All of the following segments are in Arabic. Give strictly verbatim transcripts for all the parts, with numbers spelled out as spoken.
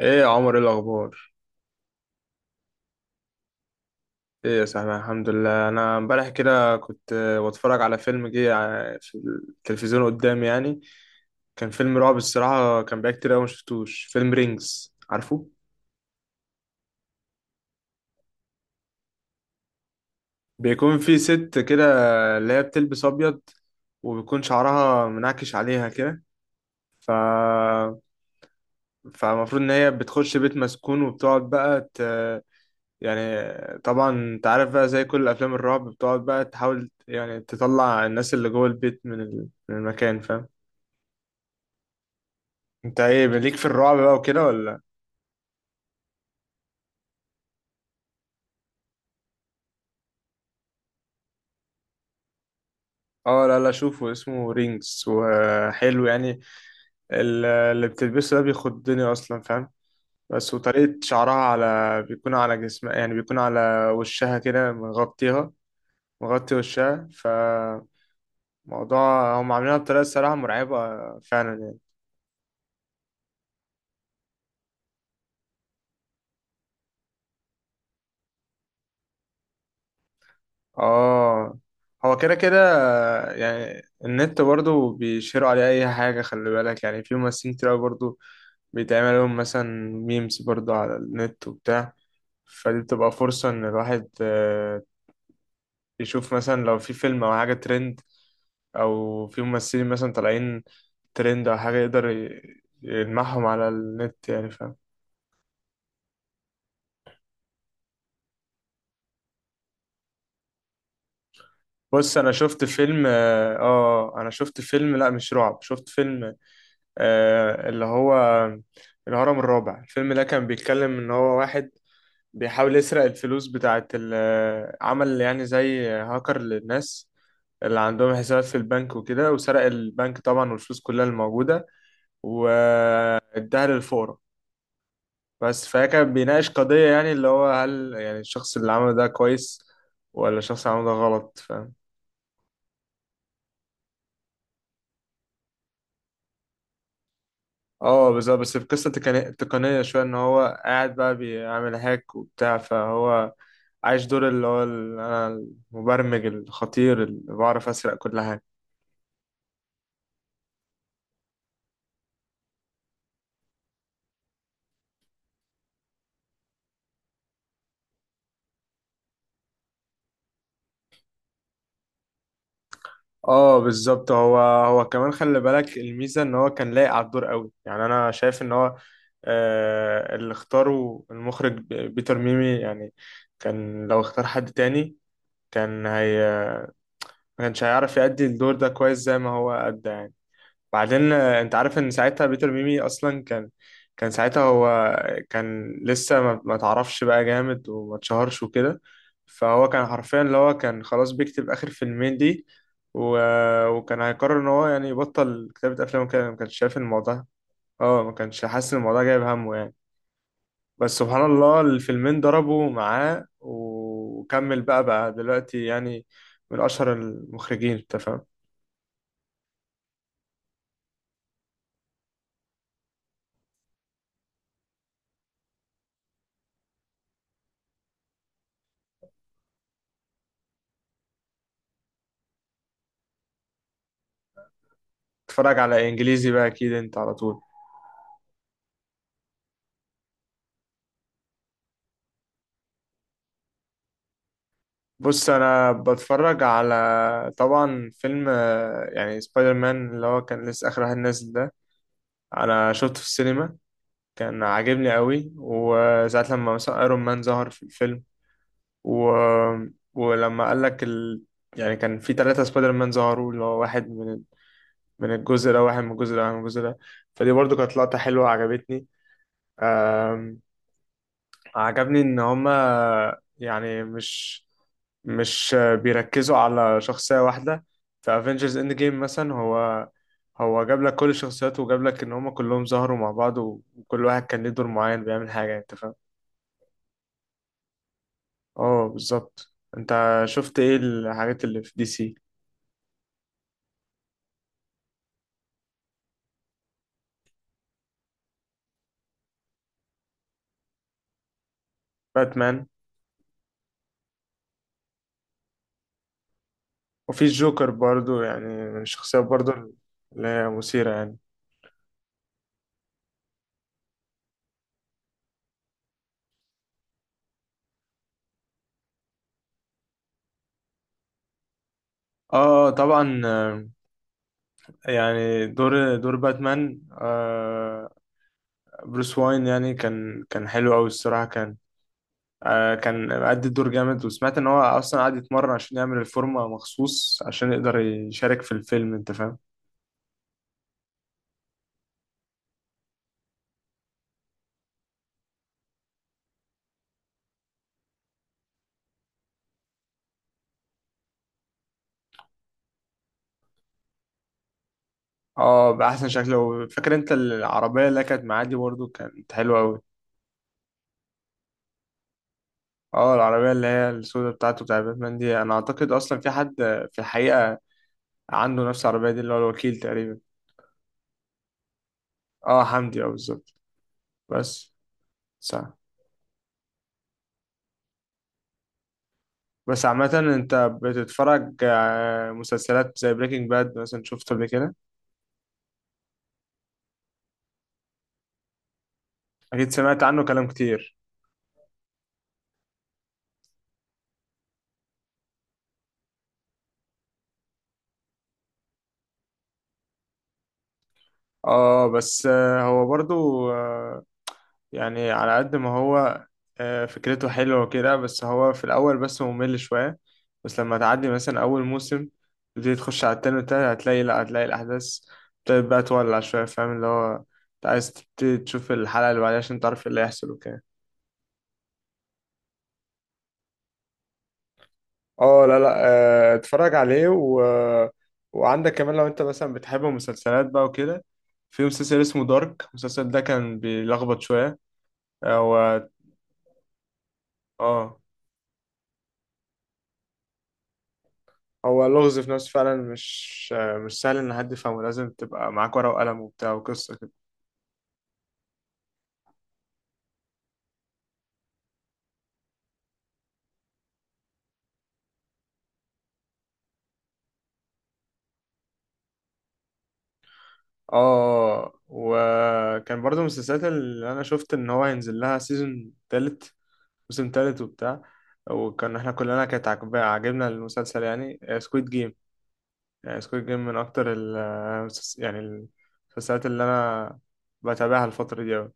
ايه يا عمر، ايه الاخبار؟ ايه يا سهلا، الحمد لله. انا امبارح كده كنت آه، بتفرج على فيلم جه ع- في التلفزيون قدامي يعني. كان فيلم رعب الصراحه، كان بقى كتير قوي. ما شفتوش فيلم رينجز؟ عارفه، بيكون في ست كده اللي هي بتلبس ابيض وبيكون شعرها منعكش عليها كده. ف فالمفروض ان هي بتخش بيت مسكون وبتقعد بقى ت... يعني، طبعا انت عارف بقى زي كل افلام الرعب، بتقعد بقى تحاول يعني تطلع الناس اللي جوه البيت من ال- من المكان، فاهم؟ انت ايه ليك في الرعب بقى وكده ولا؟ اه، لا لا شوفه، اسمه رينجز وحلو يعني. ال- اللي بتلبسه ده بيخضني اصلا، فاهم؟ بس وطريقة شعرها على بيكون على جسمها، يعني بيكون على وشها كده مغطيها، مغطي وشها. فموضوع هم عاملينها بطريقة الصراحة مرعبة فعلا يعني. اه، هو كده كده يعني. النت برضو بيشيروا عليه اي حاجة، خلي بالك يعني، في ممثلين كتير أوي برضو بيتعمل لهم مثلا ميمز برضو على النت وبتاع. فدي بتبقى فرصة ان الواحد آه، يشوف مثلا لو في فيلم او حاجة ترند، او في ممثلين مثلا طالعين ترند او حاجة، يقدر ي- يلمحهم على النت يعني، فاهم؟ بص، انا شفت فيلم اه، آه، انا شفت فيلم، لا مش رعب، شفت فيلم آه، اللي هو الهرم الرابع. الفيلم ده كان بيتكلم ان هو واحد بيحاول يسرق الفلوس بتاعت ال- عمل يعني زي هاكر للناس اللي عندهم حسابات في البنك وكده، وسرق البنك طبعا والفلوس كلها الموجودة واداها للفقراء. بس فهي كان بيناقش قضية يعني، اللي هو هل يعني الشخص اللي عمله ده كويس ولا الشخص اللي عمله ده غلط، فاهم؟ اه بس، بس في قصة تقنية، تقنية شوية، ان هو قاعد بقى بيعمل هاك وبتاع. فهو عايش دور اللي هو ال- انا المبرمج الخطير اللي بعرف اسرق كل حاجة. اه بالظبط. هو هو كمان، خلي بالك الميزة ان هو كان لايق على الدور قوي. يعني انا شايف ان هو آه اللي اختاره المخرج ب- بيتر ميمي يعني، كان لو اختار حد تاني كان هي ما كانش هيعرف يأدي الدور ده كويس زي ما هو أدى يعني. بعدين آه، انت عارف ان ساعتها بيتر ميمي اصلا كان، كان ساعتها هو كان لسه ما ما تعرفش بقى جامد وما اتشهرش وكده. فهو كان حرفيا اللي هو كان خلاص بيكتب اخر فيلمين دي، و... وكان هيقرر ان هو يعني يبطل كتابة افلام وكده، ما كانش شايف الموضوع. اه، ما كانش حاسس ان الموضوع جايب همه يعني. بس سبحان الله، الفيلمين ضربوا معاه وكمل، بقى بقى دلوقتي يعني من اشهر المخرجين، انت فاهم. تتفرج على انجليزي بقى اكيد انت على طول. بص، انا بتفرج على طبعا فيلم آه، يعني سبايدر مان اللي هو كان لسه اخر واحد نازل ده، انا شفته في السينما، كان عاجبني قوي. وساعة لما مثلا ايرون مان ظهر في الفيلم، و... ولما قال لك ال... يعني كان في ثلاثة سبايدر مان ظهروا، اللي هو واحد من من الجزء ده، واحد من الجزء ده، واحد من الجزء ده. فدي برضو كانت لقطة حلوة، عجبتني. عجبني ان هما يعني مش مش بيركزوا على شخصية واحدة. في افنجرز اند جيم مثلا، هو هو جاب لك كل الشخصيات وجاب لك ان هما كلهم ظهروا مع بعض، وكل واحد كان ليه دور معين بيعمل حاجة، انت فاهم. اه بالظبط. انت شفت ايه الحاجات اللي في دي سي؟ باتمان. وفي الجوكر برضو يعني، من الشخصيات برضو اللي هي مثيرة يعني. اه طبعا، آه، يعني دور، دور باتمان، آه بروس واين يعني، كان كان حلو قوي الصراحه. كان آه كان أدى الدور جامد، وسمعت ان هو اصلا قعد يتمرن عشان يعمل الفورمه مخصوص عشان يقدر يشارك في الفيلم، انت فاهم. اه باحسن شكل. فاكر انت العربيه اللي كانت معاه دي؟ برضه كانت حلوه قوي. اه، العربيه اللي هي السوداء بتاعته، بتاع باتمان دي، انا اعتقد اصلا في حد في الحقيقه عنده نفس العربيه دي، اللي هو الوكيل تقريبا. اه حمدي، اه بالظبط. بس صح. بس عامه انت بتتفرج آه، مسلسلات زي بريكنج باد مثلا؟ شفت قبل كده؟ أكيد سمعت عنه كلام كتير. اه بس آه، هو برضو آه، يعني على قد ما هو آه، فكرته حلوة وكده، بس هو في الأول بس ممل شوية. بس لما تعدي مثلا أول موسم تبتدي تخش على التاني والتالت، هتلاقي لأ، هتلاقي الأحداث ابتدت بقى تولع شوية، فاهم. اللي هو أنت عايز تبتدي تشوف الحلقة اللي بعدها عشان تعرف إيه اللي هيحصل وكده. اه لا لا، آه، اتفرج عليه. و... وعندك كمان لو انت مثلا بتحب المسلسلات بقى وكده، في مسلسل اسمه دارك. المسلسل ده كان بيلخبط شوية، هو اه هو اللغز في نفسه فعلا، مش مش سهل ان حد يفهمه، لازم تبقى معاك ورقة وقلم وبتاع وقصة كده. اه، وكان برضو من السلسلات اللي انا شفت ان هو هينزل لها سيزون تالت، موسم تالت وبتاع. وكان احنا كلنا كانت عاجب- عاجبنا المسلسل، يعني سكويد جيم. يعني سكويد جيم من اكتر ال آه، المسلس- يعني المسلسلات اللي انا بتابعها الفترة دي أوي.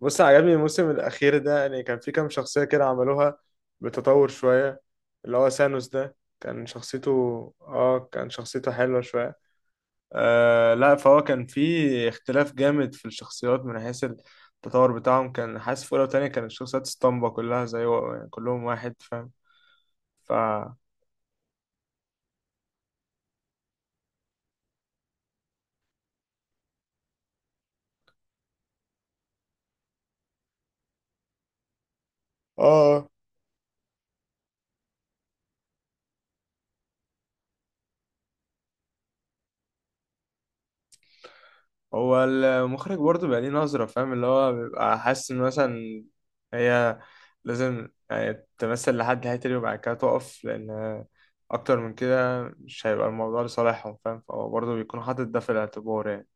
بص، عجبني الموسم الأخير ده، يعني كان في كام شخصية كده عملوها بتطور شوية، اللي هو سانوس ده كان شخصيته، اه كان شخصيته حلوة شوية. آه لا، فهو كان في اختلاف جامد في الشخصيات من حيث التطور بتاعهم، كان حاسس في أولى وتانية كانت الشخصيات اسطمبة كلها زي و... يعني كلهم واحد، فاهم. ف اه، هو المخرج برضه بقى ليه نظرة، فاهم، اللي هو بيبقى حاسس إن مثلا هي لازم يعني تمثل لحد هيتري وبعد كده تقف، لأن أكتر من كده مش هيبقى الموضوع لصالحهم، فاهم. فهو برضه بيكون حاطط ده في الاعتبار يعني.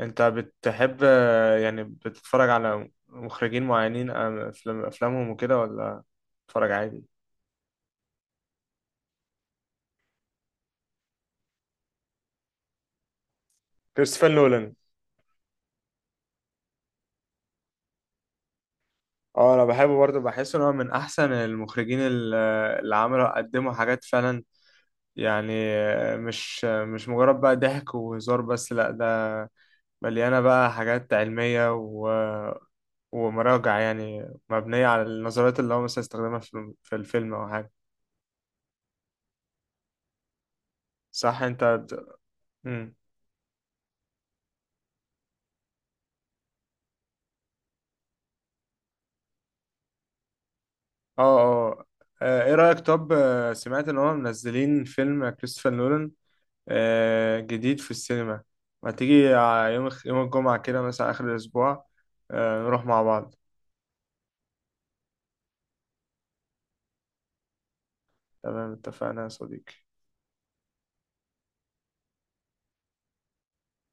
أنت بتحب يعني بتتفرج على مخرجين معينين أم- أفلام، أفلامهم وكده ولا بتتفرج عادي؟ كريستوفر نولان. اه انا بحبه برضه، بحس ان هو من احسن المخرجين، ال- اللي عملوا، قدموا حاجات فعلا يعني، مش مش مجرد بقى ضحك وهزار بس، لأ ده مليانة بقى حاجات علمية و... ومراجع، يعني مبنية على النظريات اللي هو مثلا استخدمها في في الفيلم أو حاجة. صح؟ أنت بت- مم. اه اه، آه، ايه رأيك طب، آه، سمعت إن هما منزلين فيلم كريستوفر نولان آه، جديد في السينما؟ ما تيجي ع- يوم الخ- يوم الجمعة كده مثلا آخر الأسبوع، آه، نروح مع بعض. تمام، اتفقنا يا صديقي.